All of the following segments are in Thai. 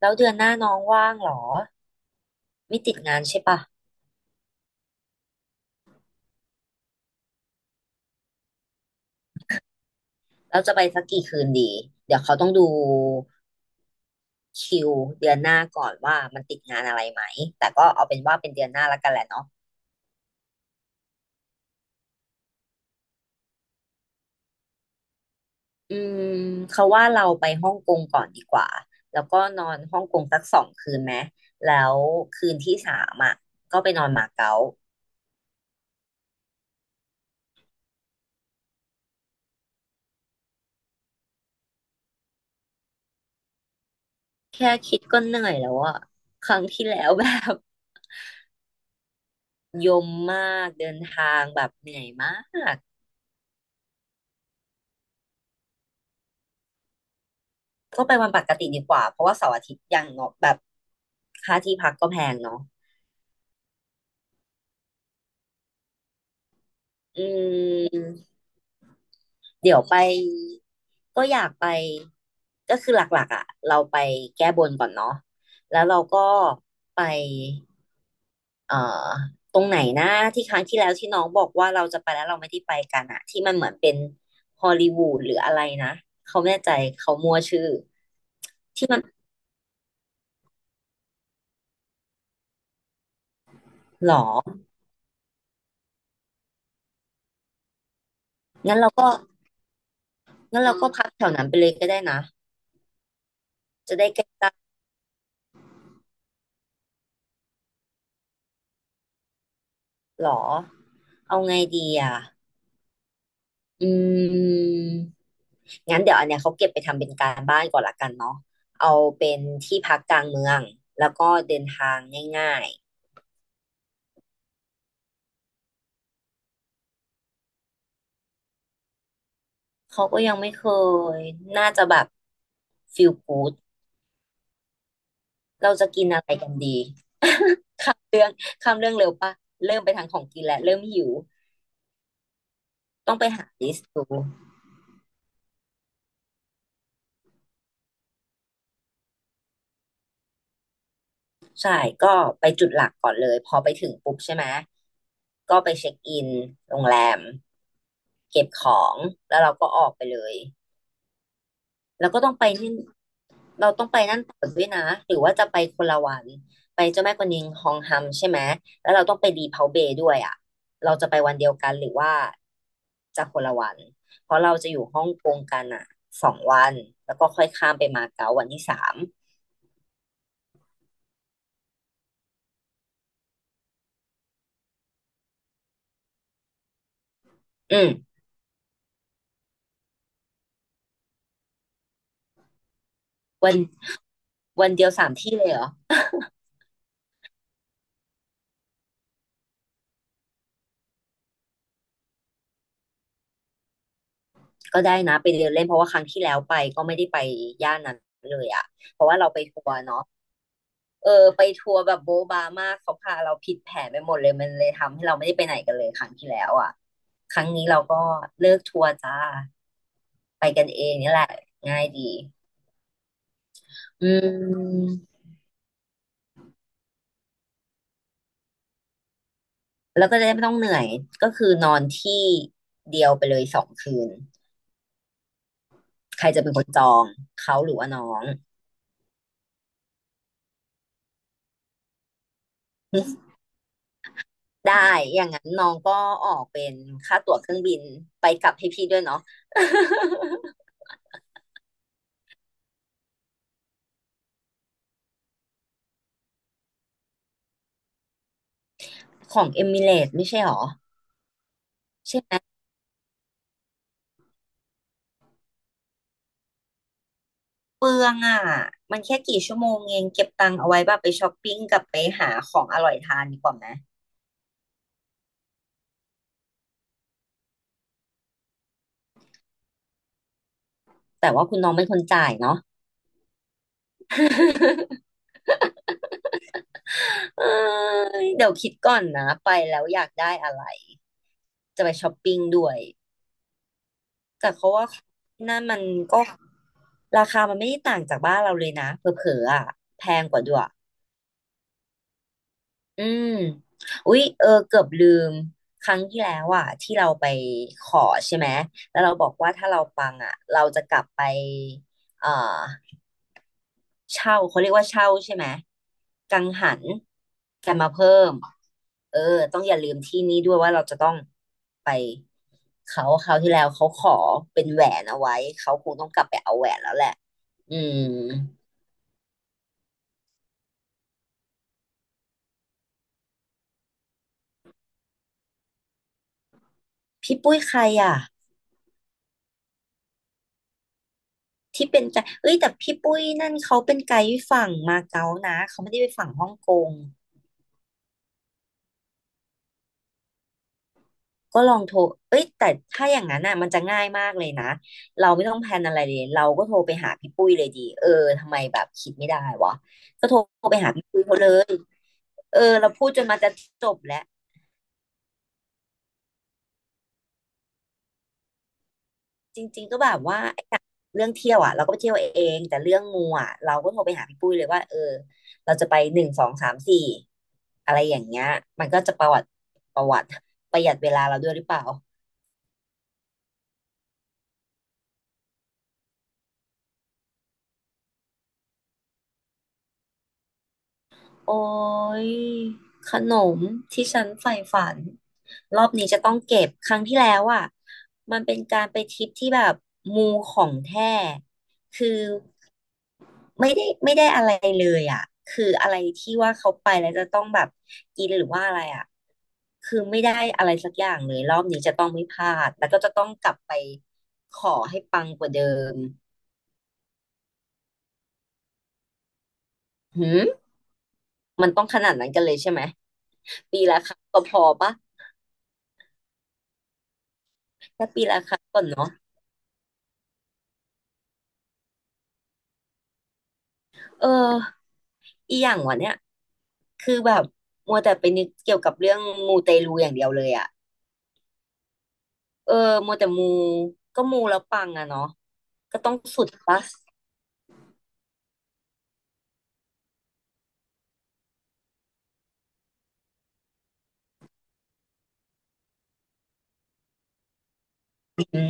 แล้วเดือนหน้าน้องว่างเหรอไม่ติดงานใช่ปะแล้วจะไปสักกี่คืนดีเดี๋ยวเขาต้องดูคิวเดือนหน้าก่อนว่ามันติดงานอะไรไหมแต่ก็เอาเป็นว่าเป็นเดือนหน้าและกันแหละเนาะอืมเขาว่าเราไปฮ่องกงก่อนดีกว่าแล้วก็นอนฮ่องกงสักสองคืนไหมแล้วคืนที่สามอ่ะก็ไปนอนมาเก๊าแค่คิดก็เหนื่อยแล้วอ่ะครั้งที่แล้วแบบ ยมมากเดินทางแบบเหนื่อยมาก ก็ไปวันปกติดีกว่าเพราะว่าเสาร์อาทิตย์ยังเนาะแบบค่าที่พักก็แพงเนาะอืมเดี๋ยวไปก็อยากไปก็คือหลักๆอ่ะเราไปแก้บนก่อนเนาะแล้วเราก็ไปเอ่อตรงไหนนะที่ครั้งที่แล้วที่น้องบอกว่าเราจะไปแล้วเราไม่ได้ไปกันอะที่มันเหมือนเป็นฮอลลีวูดหรืออะไรนะเขาไม่แน่ใจเขามั่วชื่อที่มันหรองั้นเราก็งั้นเราก็พักแถวนั้นไปเลยก็ได้นะจะได้ใกล้ หรอเอาไงดีอ่ะอืมงั้นเดี๋ยวอันเนี้ยเขาเก็บไปทำเป็นการบ้านก่อนละกันเนาะเอาเป็นที่พักกลางเมืองแล้วก็เดินทางง่ายๆเขาก็ยังไม่เคยน่าจะแบบฟิลกูดเราจะกินอะไรกันดีข้ามข้ามเรื่องเร็วปะเริ่มไปทางของกินแล้วเริ่มหิวต้องไปหาลิสต์ดูใช่ก็ไปจุดหลักก่อนเลยพอไปถึงปุ๊บใช่ไหมก็ไปเช็คอินโรงแรม เก็บของแล้วเราก็ออกไปเลยแล้วก็ต้องไปที่เราต้องไปนั่นต่อด้วยนะหรือว่าจะไปคนละวันไปเจ้าแม่กวนอิมฮองฮัมใช่ไหมแล้วเราต้องไปดีเพาเบย์ด้วยอ่ะเราจะไปวันเดียวกันหรือว่าจะคนละวันเพราะเราจะอยู่ฮ่องกงกันอ่ะสองวันแล้วก็ค่อยข้ามไปมาเก๊าวันที่สามอืมวันวันเดียวสามที่เลยเหรอก็ได้นะไปเดินเล่นเพราะว่าครั้งที่แล้วไปก็ไม่ได้ไปย่านนั้นเลยอ่ะเพราะว่าเราไปทัวร์เนาะ เออไปทัวร์แบบโบ๊ะบามากเขาพาเราผิดแผนไปหมดเลยมันเลยทำให้เราไม่ได้ไปไหนกันเลยครั้งที่แล้วอ่ะครั้งนี้เราก็เลิกทัวร์จ้าไปกันเองนี่แหละง่ายดีอืมแล้วก็จะได้ไม่ต้องเหนื่อยก็คือนอนที่เดียวไปเลยสองคืนใครจะเป็นคนจองเขาหรือว่าน้อง ได้อย่างนั้นน้องก็ออกเป็นค่าตั๋วเครื่องบินไปกลับให้พี่ด้วยเนาะ ของเอมิเรตไม่ใช่หรอ เปลืองอ่ะมันแค่กี่ชั่วโมงเองเก็บตังค์เอาไว้แบบไปช้อปปิ้งกับไปหาของอร่อยทานดีกว่าไหมแต่ว่าคุณน้องเป็นคนจ่ายเนาะ เอ้ยเดี๋ยวคิดก่อนนะไปแล้วอยากได้อะไรจะไปช้อปปิ้งด้วยแต่เขาว่านั่นมันก็ราคามันไม่ได้ต่างจากบ้านเราเลยนะเผลอๆอ่ะแพงกว่าด้วย อืมอุ๊ยเออเกือบลืมครั้งที่แล้วอ่ะที่เราไปขอใช่ไหมแล้วเราบอกว่าถ้าเราปังอ่ะเราจะกลับไปเอ่อเช่าเขาเรียกว่าเช่าใช่ไหมกังหันกันมาเพิ่มเออต้องอย่าลืมที่นี้ด้วยว่าเราจะต้องไปเขาคราวที่แล้วเขาขอเป็นแหวนเอาไว้เขาคงต้องกลับไปเอาแหวนแล้วแหละอืมพี่ปุ้ยใครอ่ะ ที่เป็นใจเอ้ยแต่พี่ปุ้ยนั่นเขาเป็นไกด์ฝั่งมาเก๊านะเขาไม่ได้ไปฝั่งฮ่องกงก็ลองโทรเอ้ยแต่ถ้าอย่างนั้นน่ะมันจะง่ายมากเลยนะเราไม่ต้องแพลนอะไรเลยเราก็โทรไปหาพี่ปุ้ยเลยดีเออทำไมแบบคิดไม่ได้วะก็โทรไปหาพี่ปุ้ยเขาเลยเออเราพูดจนมาจะจบแล้ว จริงๆก็แบบว่าไอ้อย่างเรื่องเที่ยวอ่ะเราก็ไปเที่ยวเองแต่เรื่องมูอ่ะเราก็โทรไปหาพี่ปุ้ยเลยว่าเออเราจะไปหนึ่งสองสามสี่อะไรอย่างเงี้ยมันก็จะประวัติประหยัดเวลาเราด้วยหรือเปล่าโอ้ยขนมที่ฉันใฝ่ฝันรอบนี้จะต้องเก็บครั้งที่แล้วอ่ะมันเป็นการไปทริปที่แบบมูของแท้คือ ไม่ได้ไม่ได้อะไรเลยอ่ะคืออะไรที่ว่าเขาไปแล้วจะต้องแบบกินหรือว่าอะไรอ่ะคือไม่ได้อะไรสักอย่างเลยรอบนี้จะต้องไม่พลาดแล้วก็จะต้องกลับไปขอให้ปังกว่าเดิมหืมมันต้องขนาดนั้นกันเลยใช่ไหมปีละครั้งก็พอปะถ้าปีละครั้งก่อนเนาะเอออีอย่างวะเนี่ยคือแบบมัวแต่ไปนึกเกี่ยวกับเรื่องมูเตลูอย่างเดียวเลยอ่ะเออมัวแต่มูก็มูแล้วปังอะเนาะก็ต้องสุดปะอื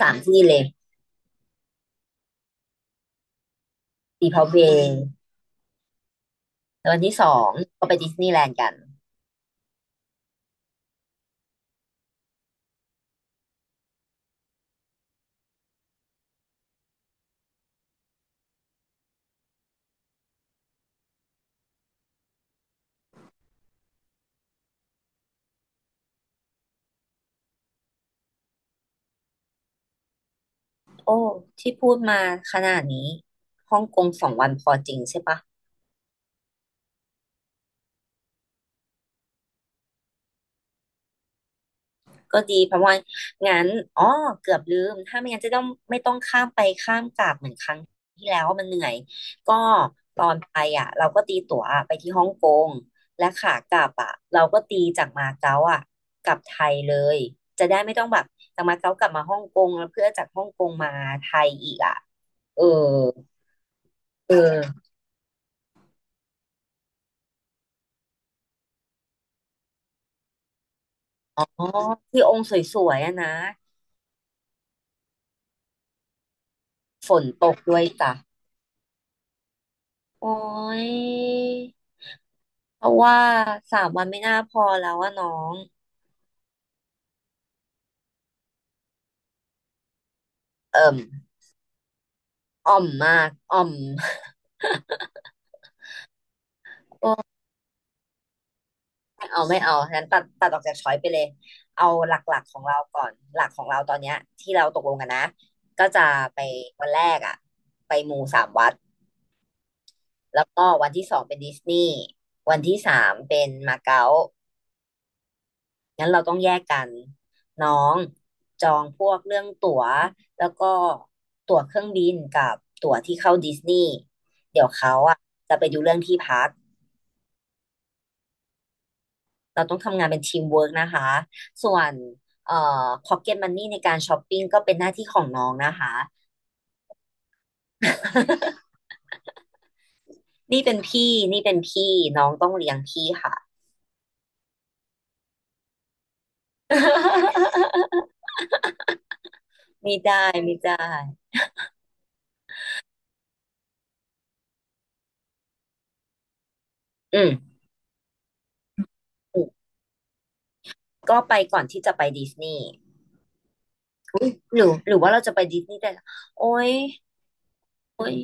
สามที่เลยดีพาวเวย์แล้ววันที่สองก็ไปดิสนีย์แลนด์กันโอ้ที่พูดมาขนาดนี้ฮ่องกงสองวันพอจริงใช่ปะก็ดีเพราะว่างั้นอ๋อเกือบลืมถ้าไม่งั้นจะต้องไม่ต้องข้ามไปข้ามกลับเหมือนครั้งที่แล้วมันเหนื่อยก็ตอนไปอ่ะเราก็ตีตั๋วไปที่ฮ่องกงและขากลับอ่ะเราก็ตีจากมาเก๊าอ่ะกลับไทยเลยจะได้ไม่ต้องแบบจากมาเก๊ากลับมาฮ่องกงแล้วเพื่อจากฮ่องกงมาไทยอีกอ่ะเออ เอออ๋อ ที่องค์สวยๆอะนะฝนตกด้วยจ้ะโอ้ยเพราะว่าสามวันไม่น่าพอแล้วอะน้องเอิ่มอ่อมมาก อ่อม โอ้ไม่เอาไม่เอางั้นตัดตัดออกจากช้อยไปเลย เอาหลักๆของเราก่อนหลักของเราตอนเนี้ยที่เราตกลงกันนะ ก็จะไปวันแรกอ่ะไปมูสามวัด แล้วก็วันที่สองเป็นดิสนีย์วันที่สามเป็นมาเก๊า งั้นเราต้องแยกกันน้องจองพวกเรื่องตั๋วแล้วก็ตั๋วเครื่องบินกับตั๋วที่เข้าดิสนีย์เดี๋ยวเขาอ่ะจะไปดูเรื่องที่พักเราต้องทำงานเป็นทีมเวิร์กนะคะส่วนเอ่อพ็อกเก็ตมันนี่ในการช้อปปิ้งก็เป็นหน้าที่ของน้องนะคะ นี่เป็นพี่นี่เป็นพี่น้องต้องเลี้ยงพี่ค่ะ ไม่ได้ไม่ได้อืมอืมก็ไปก่อนที่จะไปดิสนีย์ หรือหรือว่าเราจะไปดิสนีย์แต่ละโอ้ยโอ้ย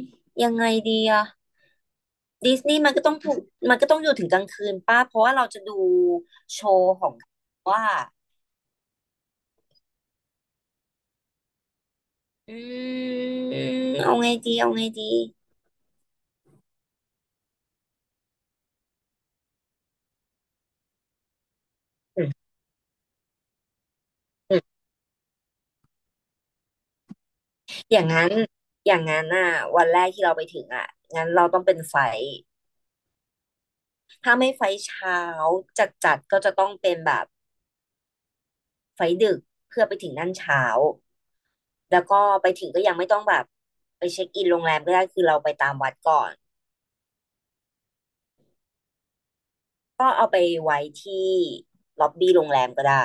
ยังไงดีอะดิสนีย์มันก็ต้องถูกมันก็ต้องอยู่ถึงกลางคืนป้าเพราะว่าเราจะดูโชว์ของว่าอืมเอาไงดีเอาไงดีอืมอืมอย่างนั้นอย่างนั้นอ่ะวันแรกที่เราไปถึงอ่ะงั้นเราต้องเป็นไฟท์ถ้าไม่ไฟท์เช้าจัดจัดก็จะต้องเป็นแบบไฟท์ดึกเพื่อไปถึงนั่นเช้าแล้วก็ไปถึงก็ยังไม่ต้องแบบไปเช็คอินโรงแรมก็ได้คือเราไปตามวัดก่อน ก็เอาไปไว้ที่ล็อบบี้โรงแรมก็ได้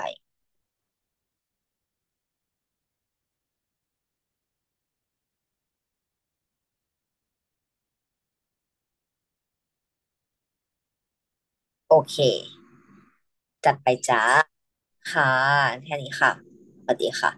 โอเคจัดไปจ้าค่ะแค่นี้ค่ะสวัสดีค่ะ